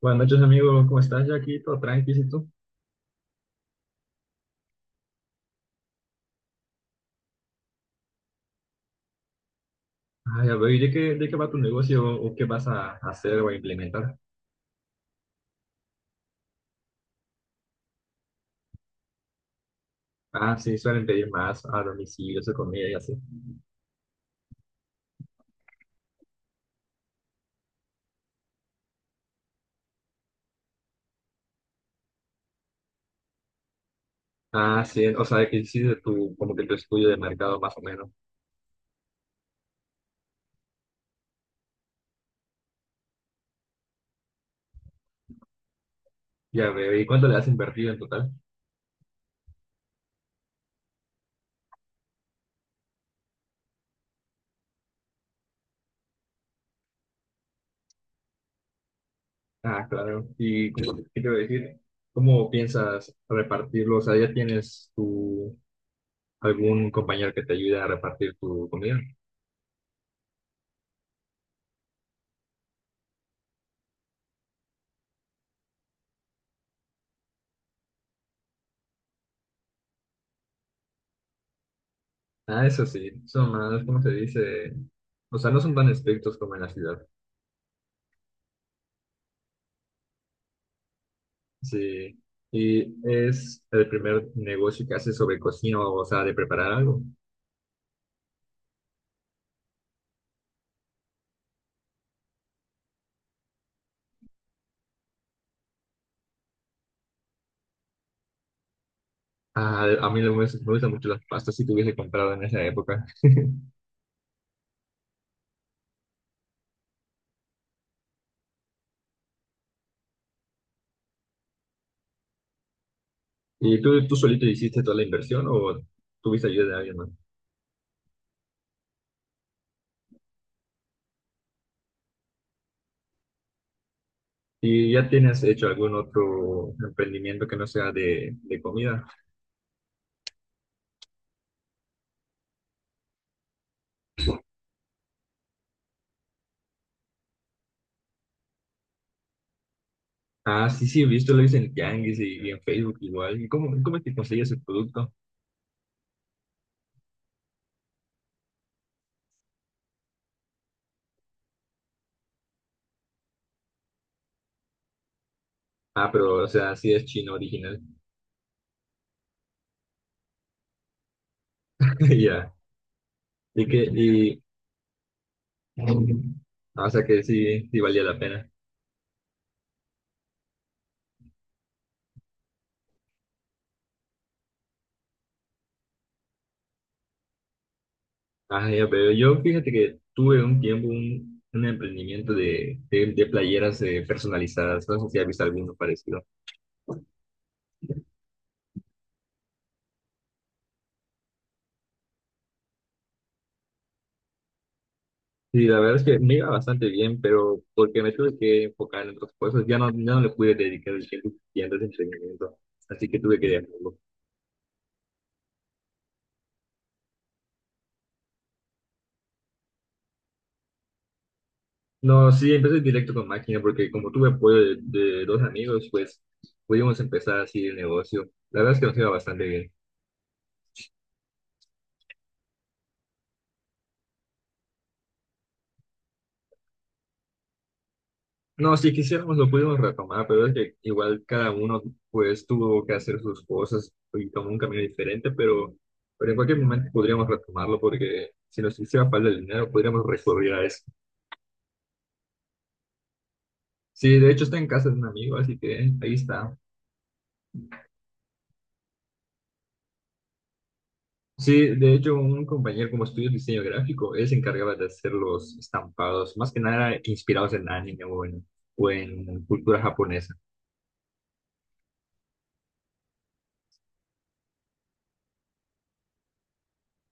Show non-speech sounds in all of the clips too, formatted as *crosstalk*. Buenas noches, amigo. ¿Cómo estás? Yo aquí todo tranquilo, ¿y tú? Ah, ya veo. ¿Y de qué va tu negocio o qué vas a hacer o a implementar? Ah, sí, suelen pedir más a domicilio, su comida y así. Ah, sí, o sea, que hiciste tu, como que tu estudio de mercado más o menos. Ya veo. ¿Y cuánto le has invertido en total? Ah, claro. ¿Y qué te voy a decir? ¿Cómo piensas repartirlo? O sea, ¿ya tienes algún compañero que te ayude a repartir tu comida? Ah, eso sí, son más, ¿cómo se dice? O sea, no son tan estrictos como en la ciudad. Sí. ¿Y es el primer negocio que hace sobre cocina, o sea, de preparar algo? Ah, a mí me gustan mucho las pastas, si te hubiese comprado en esa época. ¿Y tú solito hiciste toda la inversión o tuviste ayuda de alguien más? ¿Y ya tienes hecho algún otro emprendimiento que no sea de comida? Ah, sí, sí, he visto, lo hice en Tianguis y en Facebook igual. ¿Y cómo es que consigues el producto? Ah, pero, o sea, sí es chino original. *laughs* Ya. ¿Y qué? *clears throat* Ah, o sea que sí, sí valía la pena. Ah, ya, pero yo fíjate que tuve un tiempo un emprendimiento de playeras personalizadas. No sé si has visto alguno parecido. Sí, la verdad es que me iba bastante bien, pero porque me tuve que enfocar en otras cosas, ya no le pude dedicar el tiempo suficiente a ese emprendimiento. Así que tuve que dejarlo. No, sí, empecé directo con máquina porque como tuve apoyo de dos amigos, pues pudimos empezar así el negocio. La verdad es que nos iba bastante bien. No, si quisiéramos lo podemos retomar, pero es que igual cada uno pues tuvo que hacer sus cosas y tomó un camino diferente, pero en cualquier momento podríamos retomarlo, porque si nos hiciera falta el dinero podríamos recurrir a eso. Sí, de hecho está en casa de un amigo, así que ahí está. Sí, de hecho un compañero como estudios diseño gráfico, él se encargaba de hacer los estampados, más que nada inspirados en anime o en cultura japonesa.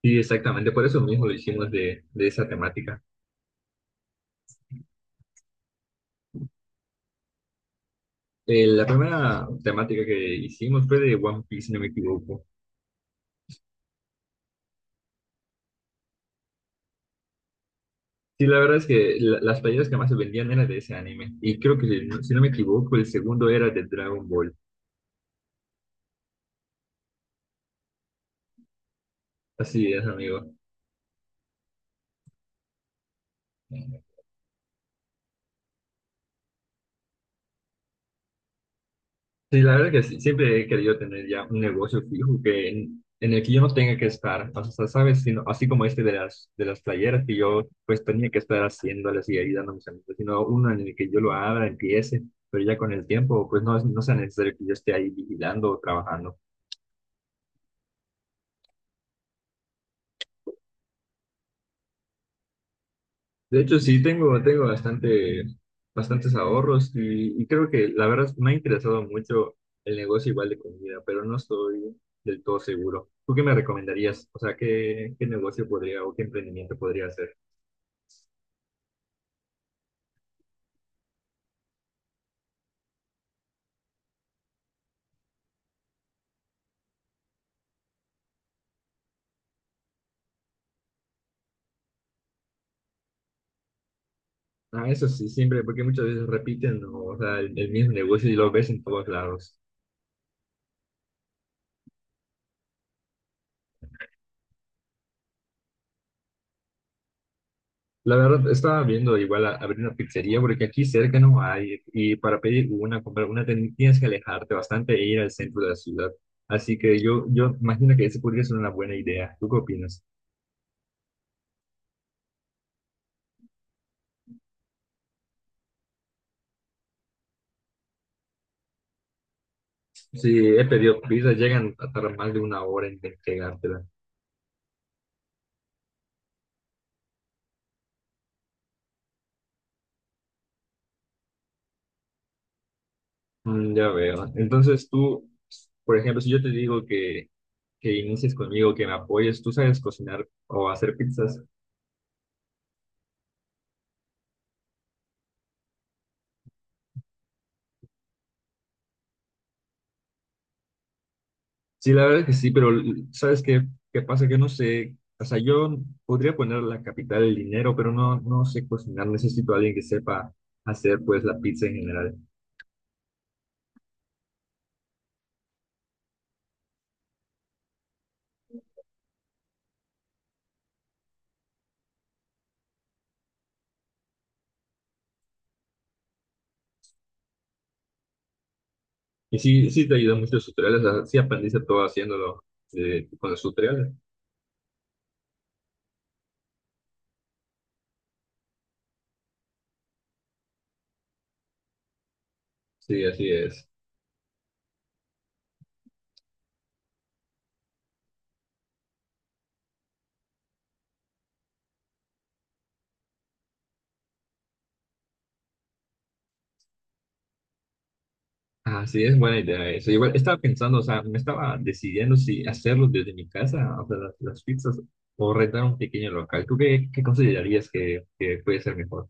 Sí, exactamente, por eso mismo lo hicimos de esa temática. La primera temática que hicimos fue de One Piece, si no me equivoco. Sí, la verdad es que las playeras que más se vendían eran de ese anime. Y creo que, si no me equivoco, el segundo era de Dragon Ball. Así es, amigo. Sí, la verdad que sí, siempre he querido tener ya un negocio fijo en el que yo no tenga que estar, o sea, sabes, así como este de las playeras, que yo pues tenía que estar haciéndolas y ayudando a mis amigos, sino uno en el que yo lo abra, empiece, pero ya con el tiempo pues no, no sea necesario que yo esté ahí vigilando o trabajando. De hecho, sí, tengo bastantes ahorros y creo que la verdad me ha interesado mucho el negocio igual de comida, pero no estoy del todo seguro. ¿Tú qué me recomendarías? O sea, ¿qué negocio podría o qué emprendimiento podría hacer? Ah, eso sí, siempre, porque muchas veces repiten, ¿no? O sea, el mismo negocio y lo ves en todos lados. La verdad, estaba viendo igual abrir una pizzería, porque aquí cerca no hay, y para pedir una, comprar una, tienes que alejarte bastante e ir al centro de la ciudad. Así que yo, imagino que esa podría ser una buena idea. ¿Tú qué opinas? Sí, he pedido pizza, llegan a tardar más de una hora en entregártela. Ya veo. Entonces tú, por ejemplo, si yo te digo que inicies conmigo, que me apoyes, ¿tú sabes cocinar o hacer pizzas? Sí, la verdad es que sí, pero ¿sabes qué pasa? Que no sé, o sea, yo podría poner la capital del dinero, pero no sé cocinar, necesito a alguien que sepa hacer pues la pizza en general. Y sí, sí te ayudan mucho los tutoriales, o sea, sí aprendiste todo haciéndolo con los tutoriales. Sí, así es. Ah, sí, es buena idea eso. Igual estaba pensando, o sea, me estaba decidiendo si hacerlo desde mi casa, o sea, las pizzas, o rentar un pequeño local. ¿Tú qué considerarías que puede ser mejor?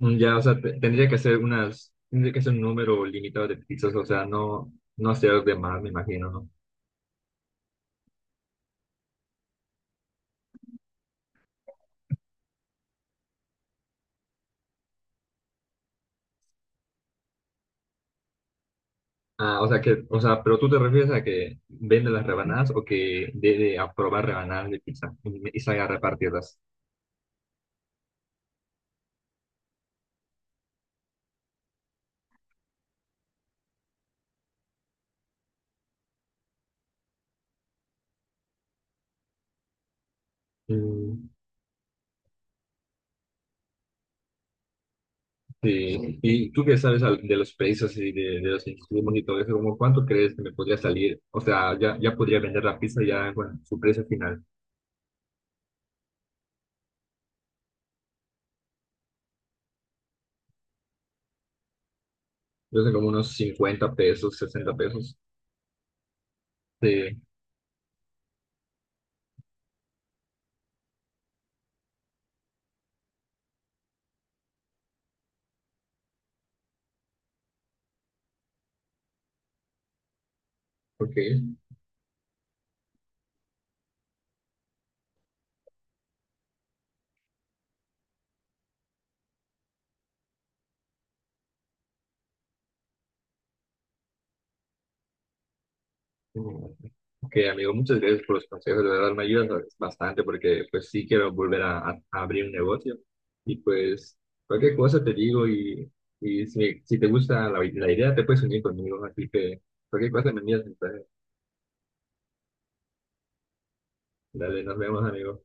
Ya, o sea, tendría que ser tendría que ser un número limitado de pizzas, o sea, no hacer de más, me imagino, ¿no? Ah, o sea que, o sea, pero tú te refieres a que vende las rebanadas, o que debe aprobar rebanadas de pizza y salga a repartirlas. Mm, sí. ¿Y tú qué sabes de los precios y de los insumos y todo eso? ¿Cómo cuánto crees que me podría salir? O sea, ya, podría vender la pizza ya con su precio final. Yo sé como unos 50 pesos, 60 pesos. Sí, ok. Ok, amigo, muchas gracias por los consejos, de verdad me ayudas bastante, porque pues sí quiero volver a abrir un negocio, y pues cualquier cosa te digo, y si, te gusta la idea te puedes unir conmigo, así que cualquier cosa me envías mensaje. Dale, nos vemos, amigo.